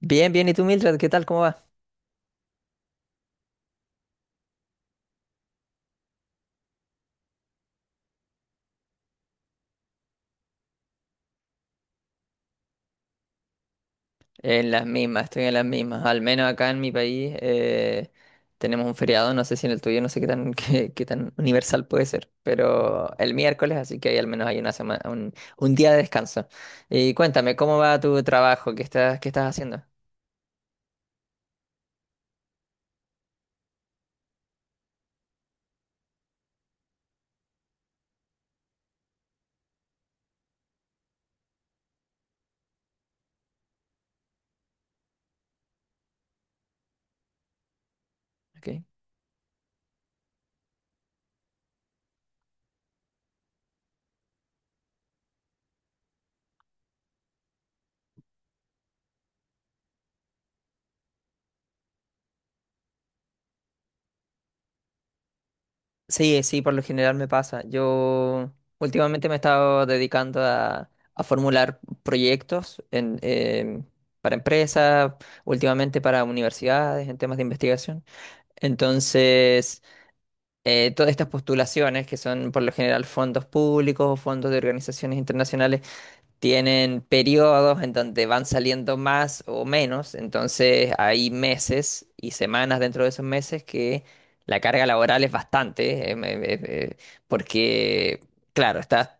Bien, bien. ¿Y tú, Mildred? ¿Qué tal? ¿Cómo va? En las mismas, estoy en las mismas. Al menos acá en mi país tenemos un feriado, no sé si en el tuyo, no sé qué tan, qué tan universal puede ser, pero el miércoles, así que ahí al menos hay una semana, un día de descanso. Y cuéntame, ¿cómo va tu trabajo? Qué estás haciendo? Ok. Sí, sí, por lo general me pasa. Yo últimamente me he estado dedicando a formular proyectos para empresas, últimamente para universidades, en temas de investigación. Entonces, todas estas postulaciones, que son por lo general fondos públicos, o fondos de organizaciones internacionales, tienen periodos en donde van saliendo más o menos, entonces hay meses y semanas dentro de esos meses que la carga laboral es bastante, porque, claro,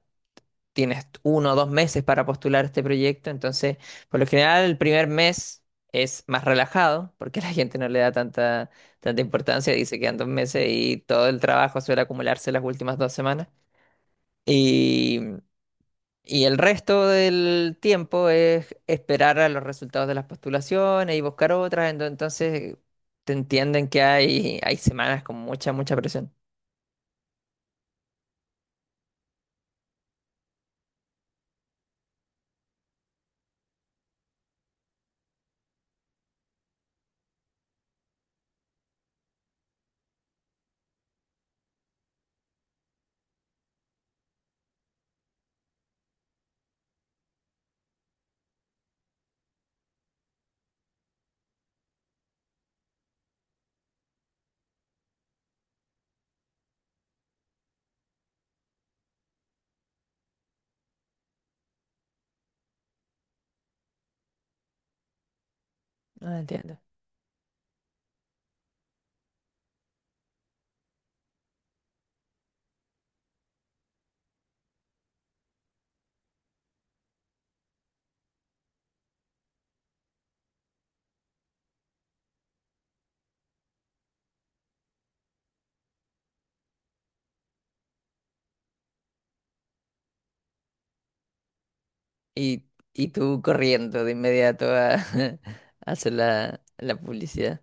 tienes uno o dos meses para postular este proyecto, entonces, por lo general, el primer mes es más relajado, porque la gente no le da tanta importancia, dice que quedan dos meses y todo el trabajo suele acumularse las últimas dos semanas. Y el resto del tiempo es esperar a los resultados de las postulaciones y buscar otras. Entonces te entienden que hay semanas con mucha presión. No entiendo. Y, y tú corriendo de inmediato a hacer la publicidad.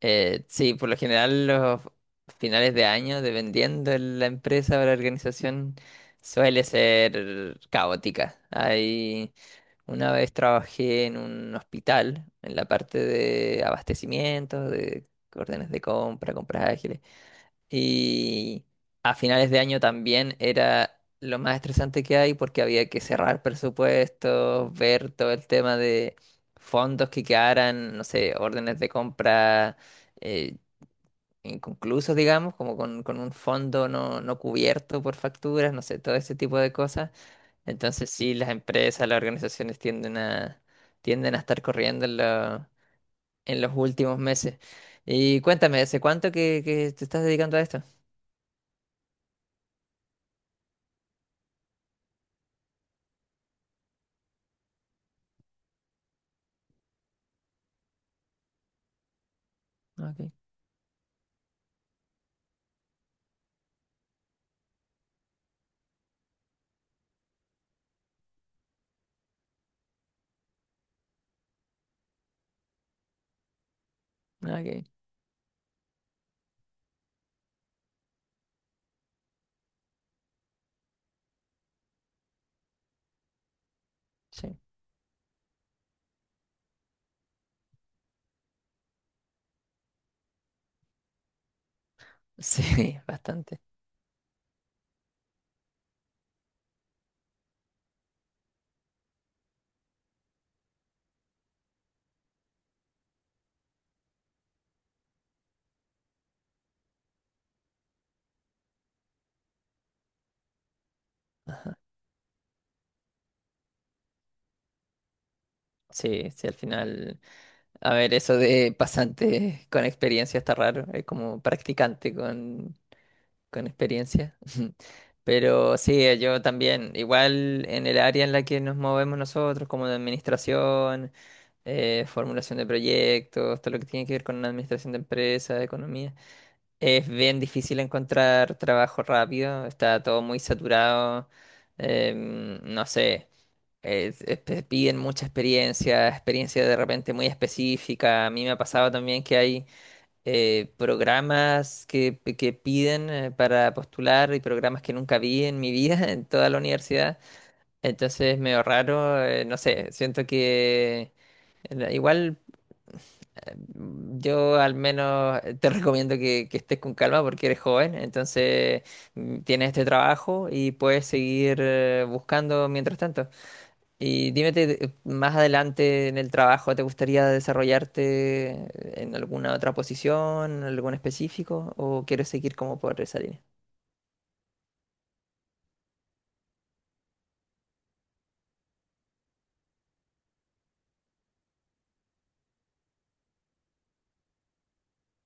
Sí, por lo general los finales de año, dependiendo de la empresa o la organización, suele ser caótica. Hay. Una vez trabajé en un hospital, en la parte de abastecimientos, de órdenes de compra, compras ágiles. Y a finales de año también era lo más estresante que hay porque había que cerrar presupuestos, ver todo el tema de fondos que quedaran, no sé, órdenes de compra eh, inconclusos, digamos, como con un fondo no cubierto por facturas, no sé, todo ese tipo de cosas. Entonces sí, las empresas, las organizaciones tienden tienden a estar corriendo en los últimos meses. Y cuéntame, ¿hace cuánto que te estás dedicando a esto? Ok, ok, sí. Sí, bastante. Sí, sí, al final, a ver, eso de pasante con experiencia está raro, es como practicante con experiencia. Pero sí, yo también, igual en el área en la que nos movemos nosotros, como de administración, formulación de proyectos, todo lo que tiene que ver con la administración de empresas, economía, es bien difícil encontrar trabajo rápido, está todo muy saturado, no sé. Piden mucha experiencia, experiencia de repente muy específica. A mí me ha pasado también que hay programas que piden para postular y programas que nunca vi en mi vida, en toda la universidad. Entonces, medio raro, no sé, siento que igual eh, yo al menos te recomiendo que estés con calma porque eres joven, entonces tienes este trabajo y puedes seguir buscando mientras tanto. Y dime, más adelante en el trabajo, ¿te gustaría desarrollarte en alguna otra posición, en algún específico, o quieres seguir como por esa línea?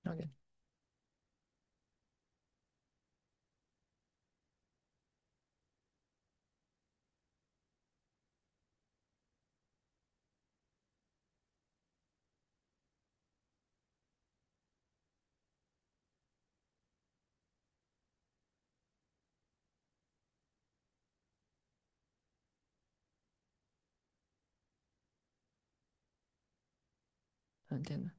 Ok, entiendo.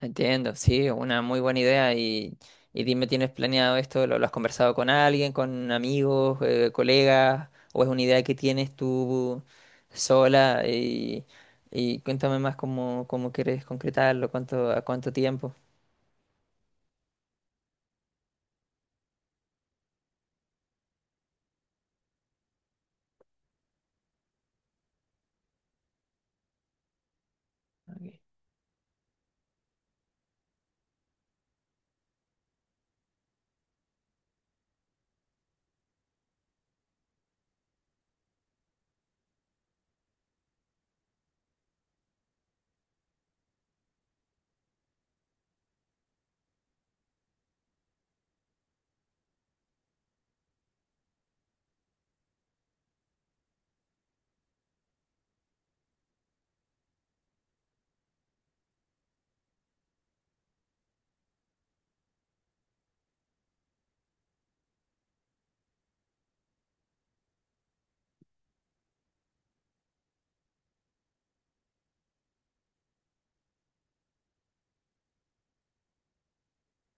Entiendo, sí, una muy buena idea. Y dime, ¿tienes planeado esto? Lo has conversado con alguien, con amigos, colegas? ¿O es una idea que tienes tú sola? Y cuéntame más cómo, cómo quieres concretarlo, cuánto, a cuánto tiempo.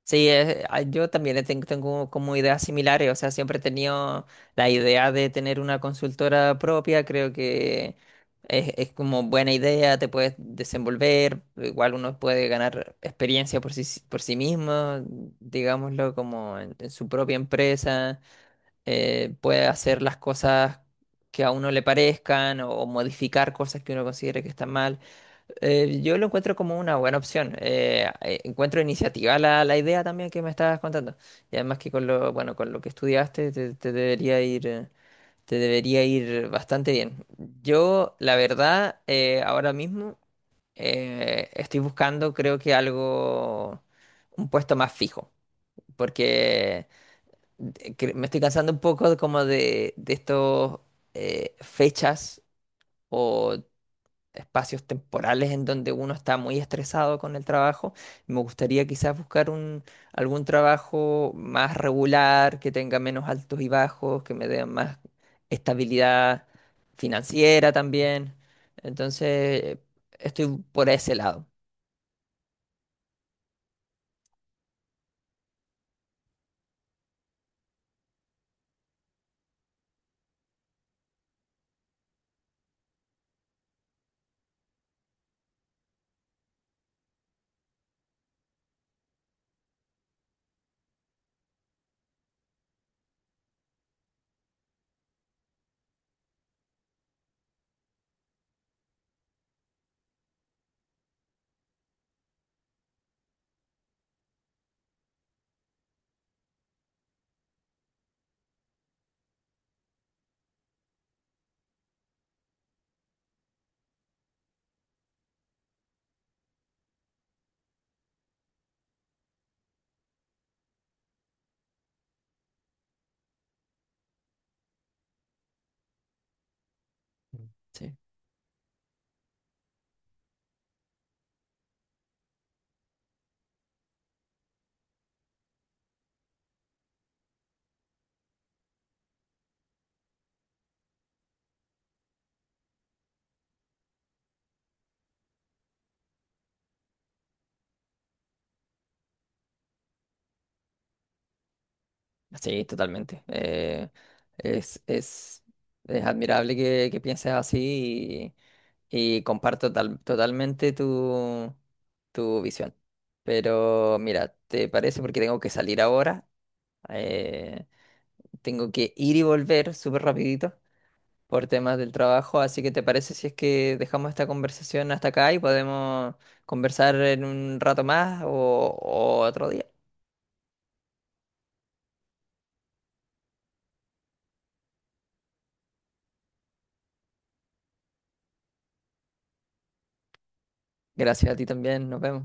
Sí, yo también tengo como ideas similares, o sea, siempre he tenido la idea de tener una consultora propia, creo que es como buena idea, te puedes desenvolver, igual uno puede ganar experiencia por sí mismo, digámoslo, como en su propia empresa, puede hacer las cosas que a uno le parezcan o modificar cosas que uno considere que están mal. Yo lo encuentro como una buena opción. Encuentro iniciativa la idea también que me estabas contando. Y además que con lo, bueno, con lo que estudiaste te debería ir bastante bien. Yo, la verdad, ahora mismo estoy buscando, creo que algo, un puesto más fijo. Porque que me estoy cansando un poco de como de estos fechas o espacios temporales en donde uno está muy estresado con el trabajo. Me gustaría quizás buscar algún trabajo más regular, que tenga menos altos y bajos, que me dé más estabilidad financiera también. Entonces, estoy por ese lado. Sí. Sí, totalmente. Es, es, es admirable que pienses así y comparto totalmente tu, tu visión. Pero mira, ¿te parece? Porque tengo que salir ahora. eh, Tengo que ir y volver súper rapidito por temas del trabajo. Así que ¿te parece si es que dejamos esta conversación hasta acá y podemos conversar en un rato más o otro día? Gracias a ti también. Nos vemos.